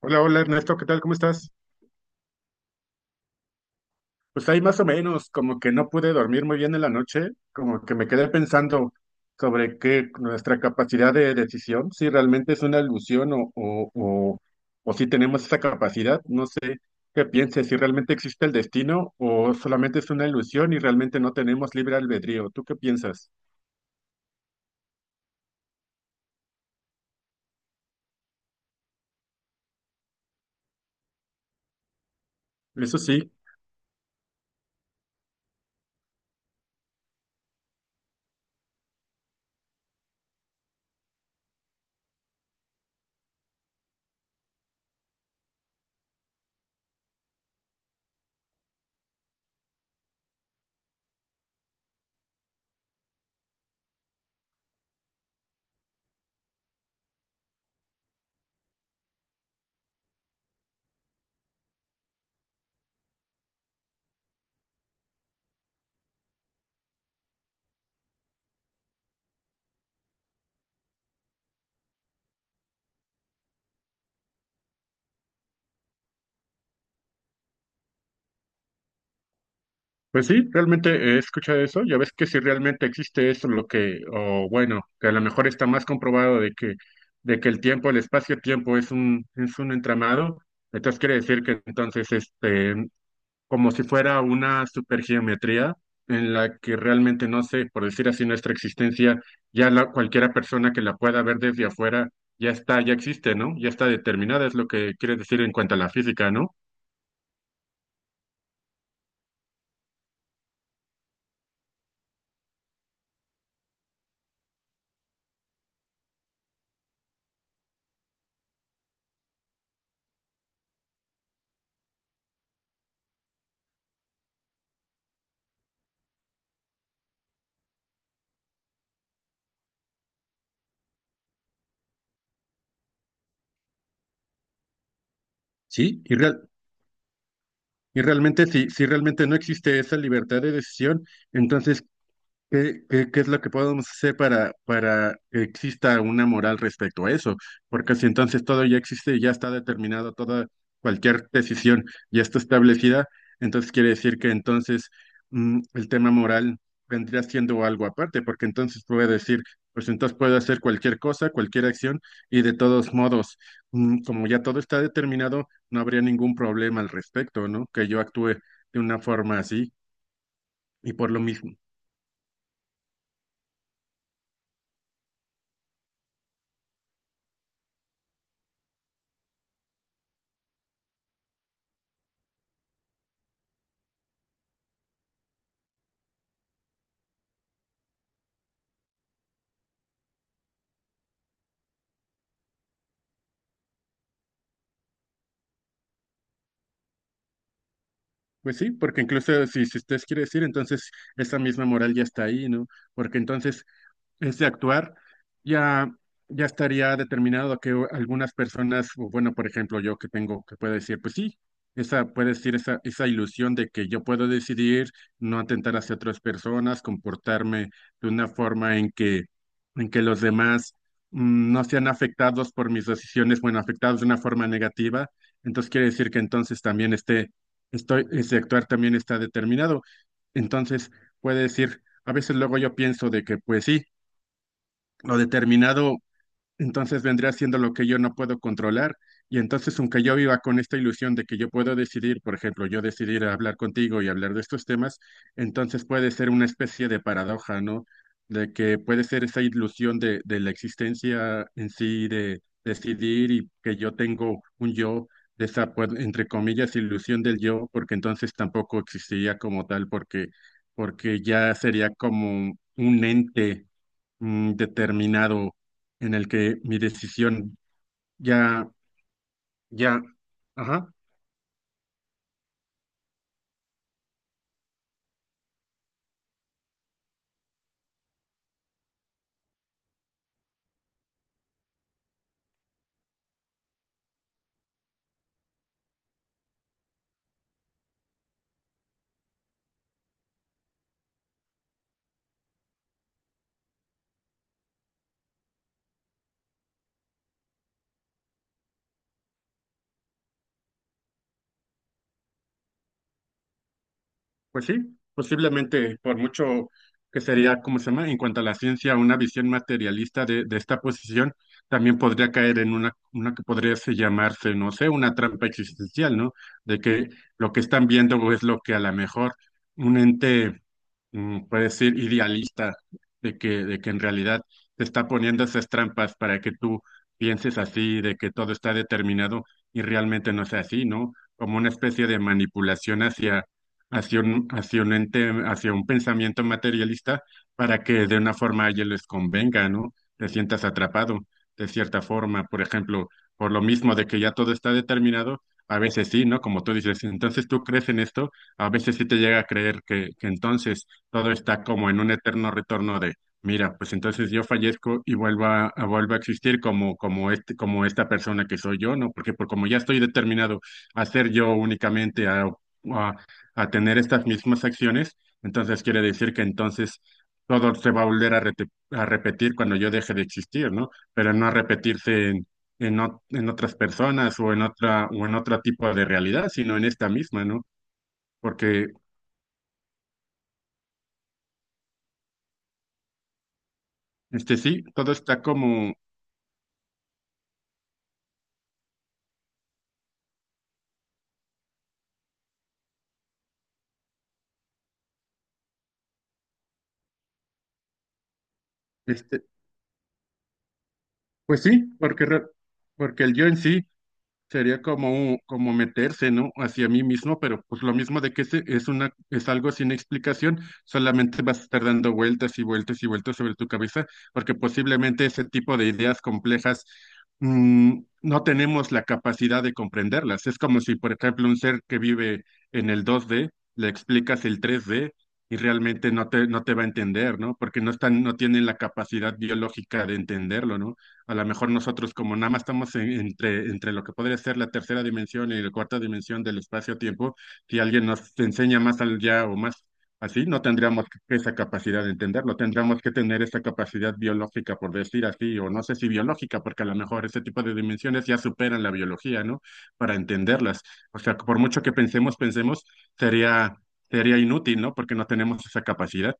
Hola, hola Ernesto, ¿qué tal? ¿Cómo estás? Pues ahí más o menos, como que no pude dormir muy bien en la noche, como que me quedé pensando sobre qué nuestra capacidad de decisión, si realmente es una ilusión o si tenemos esa capacidad, no sé qué pienses, si realmente existe el destino o solamente es una ilusión y realmente no tenemos libre albedrío. ¿Tú qué piensas? Eso sí. Pues sí, realmente he escuchado eso. Ya ves que si realmente existe eso, lo que, o bueno, que a lo mejor está más comprobado de que el tiempo, el espacio-tiempo es un entramado. Entonces quiere decir que entonces, como si fuera una supergeometría en la que realmente no sé, por decir así, nuestra existencia, ya la, cualquiera persona que la pueda ver desde afuera, ya está, ya existe, ¿no? Ya está determinada, es lo que quiere decir en cuanto a la física, ¿no? Sí, y real, Y realmente, si realmente no existe esa libertad de decisión, entonces ¿Qué, qué es lo que podemos hacer para que exista una moral respecto a eso? Porque si entonces todo ya existe y ya está determinado, toda cualquier decisión ya está establecida, entonces quiere decir que entonces el tema moral vendría siendo algo aparte, porque entonces puede decir, pues entonces puedo hacer cualquier cosa, cualquier acción, y de todos modos, como ya todo está determinado, no habría ningún problema al respecto, ¿no? Que yo actúe de una forma así. Y por lo mismo. Pues sí, porque incluso si usted quiere decir, entonces esa misma moral ya está ahí, ¿no? Porque entonces es de actuar, ya, ya estaría determinado que algunas personas, o bueno, por ejemplo, yo que tengo, que puedo decir, pues sí, esa, puede decir esa ilusión de que yo puedo decidir no atentar hacia otras personas, comportarme de una forma en que los demás no sean afectados por mis decisiones, bueno, afectados de una forma negativa. Entonces quiere decir que entonces también ese actuar también está determinado. Entonces puede decir, a veces luego yo pienso de que, pues sí, lo determinado entonces vendría siendo lo que yo no puedo controlar. Y entonces, aunque yo viva con esta ilusión de que yo puedo decidir, por ejemplo, yo decidir hablar contigo y hablar de estos temas, entonces puede ser una especie de paradoja, ¿no? De que puede ser esa ilusión de la existencia en sí, de decidir y que yo tengo un yo, de esa, pues, entre comillas, ilusión del yo, porque entonces tampoco existiría como tal, porque ya sería como un ente determinado en el que mi decisión ya, ya, ajá. Pues sí, posiblemente, por mucho que sería, ¿cómo se llama? En cuanto a la ciencia, una visión materialista de esta posición, también podría caer en una que podría se llamarse, no sé, una trampa existencial, ¿no? De que lo que están viendo es lo que a lo mejor un ente puede decir idealista, de que en realidad te está poniendo esas trampas para que tú pienses así, de que todo está determinado y realmente no es así, ¿no? Como una especie de manipulación hacia un ente, hacia un pensamiento materialista para que de una forma a ellos les convenga, ¿no? Te sientas atrapado de cierta forma, por ejemplo, por lo mismo de que ya todo está determinado, a veces sí, ¿no? Como tú dices, entonces tú crees en esto, a veces sí te llega a creer que entonces todo está como en un eterno retorno de, mira, pues entonces yo fallezco y vuelvo a, vuelvo a existir como, como este, como esta persona que soy yo, ¿no? Porque por como ya estoy determinado a ser yo únicamente, a tener estas mismas acciones, entonces quiere decir que entonces todo se va a volver a, a repetir cuando yo deje de existir, ¿no? Pero no a repetirse en, en otras personas o en otra o en otro tipo de realidad, sino en esta misma, ¿no? Porque este sí, todo está como este, pues sí, porque porque el yo en sí sería como, como meterse, ¿no? Hacia mí mismo, pero pues lo mismo de que es una, es algo sin explicación, solamente vas a estar dando vueltas y vueltas y vueltas sobre tu cabeza, porque posiblemente ese tipo de ideas complejas no tenemos la capacidad de comprenderlas. Es como si, por ejemplo, un ser que vive en el 2D, le explicas el 3D y realmente no te, no te va a entender, ¿no? Porque no están, no tienen la capacidad biológica de entenderlo, ¿no? A lo mejor nosotros como nada más estamos entre, entre lo que podría ser la tercera dimensión y la cuarta dimensión del espacio-tiempo, si alguien nos enseña más allá o más así, no tendríamos esa capacidad de entenderlo, tendríamos que tener esa capacidad biológica, por decir así, o no sé si biológica, porque a lo mejor ese tipo de dimensiones ya superan la biología, ¿no? Para entenderlas. O sea, por mucho que pensemos, pensemos, sería, sería inútil, ¿no? Porque no tenemos esa capacidad.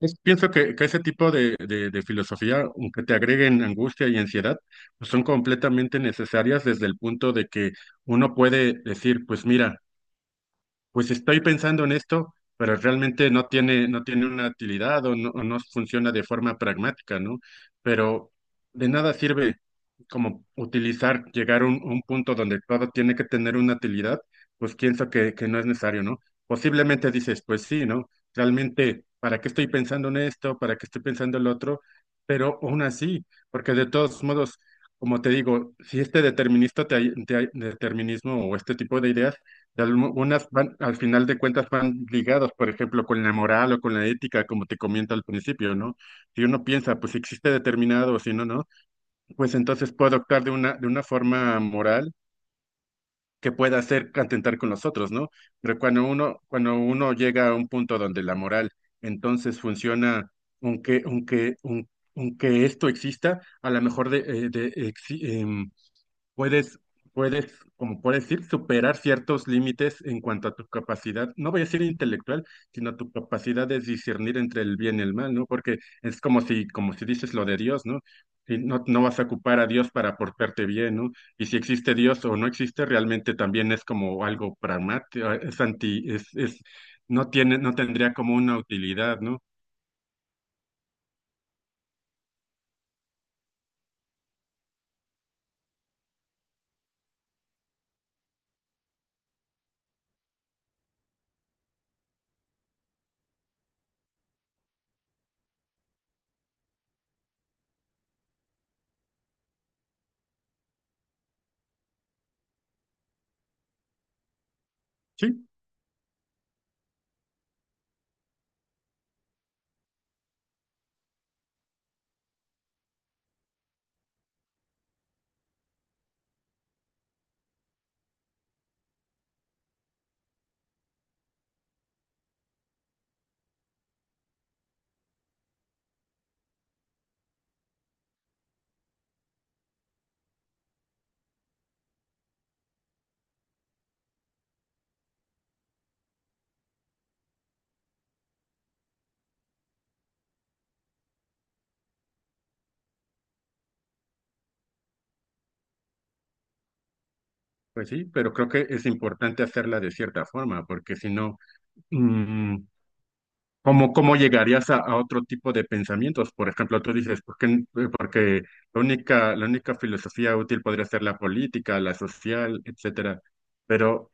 Pienso que ese tipo de filosofía, aunque te agreguen angustia y ansiedad, pues son completamente necesarias desde el punto de que uno puede decir, pues mira, pues estoy pensando en esto, pero realmente no tiene, no tiene una utilidad o no funciona de forma pragmática, ¿no? Pero de nada sirve como utilizar, llegar a un punto donde todo tiene que tener una utilidad, pues pienso que no es necesario, ¿no? Posiblemente dices, pues sí, ¿no? Realmente, ¿para qué estoy pensando en esto? ¿Para qué estoy pensando en lo otro? Pero aún así, porque de todos modos, como te digo, si este determinista te ay- determinismo o este tipo de ideas, y algunas van, al final de cuentas, van ligadas, por ejemplo, con la moral o con la ética, como te comento al principio, ¿no? Si uno piensa, pues si existe determinado o si no, no, pues entonces puedo actuar de una forma moral que pueda hacer atentar con los otros, ¿no? Pero cuando uno llega a un punto donde la moral entonces funciona, aunque, aunque, aun- aunque esto exista, a lo mejor puedes, puedes, como puedes decir, superar ciertos límites en cuanto a tu capacidad, no voy a decir intelectual, sino tu capacidad de discernir entre el bien y el mal, ¿no? Porque es como si dices lo de Dios, ¿no? Y no, no vas a ocupar a Dios para portarte bien, ¿no? Y si existe Dios o no existe, realmente también es como algo pragmático, es, no tiene, no tendría como una utilidad, ¿no? Sí, pues sí, pero creo que es importante hacerla de cierta forma, porque si no, mm, ¿Cómo, cómo llegarías a otro tipo de pensamientos? Por ejemplo, tú dices, ¿por qué, porque la única filosofía útil podría ser la política, la social, etcétera. Pero,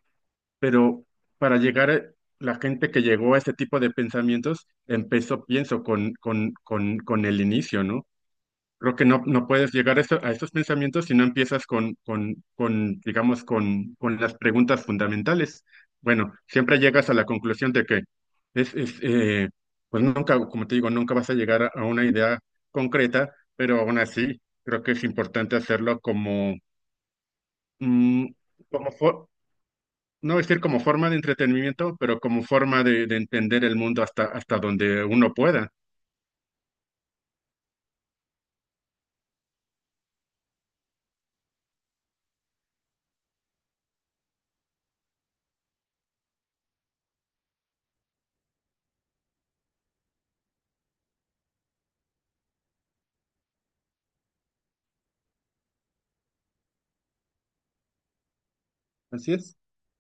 pero para llegar a la gente que llegó a ese tipo de pensamientos, empezó, pienso, con el inicio, ¿no? Creo que no, no puedes llegar a, a esos pensamientos si no empiezas con, digamos, con las preguntas fundamentales. Bueno, siempre llegas a la conclusión de que es, es, eh, pues nunca, como te digo, nunca vas a llegar a una idea concreta, pero aún así creo que es importante hacerlo como, mm, como no decir como forma de entretenimiento, pero como forma de entender el mundo hasta, hasta donde uno pueda. Así es.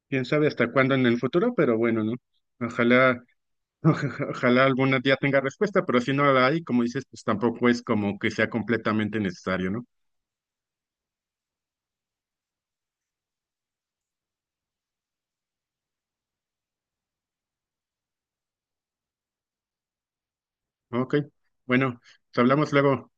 Quién sabe hasta cuándo en el futuro, pero bueno, ¿no? Ojalá. Ojalá algún día tenga respuesta, pero si no la hay, como dices, pues tampoco es como que sea completamente necesario, ¿no? Ok, bueno, te hablamos luego.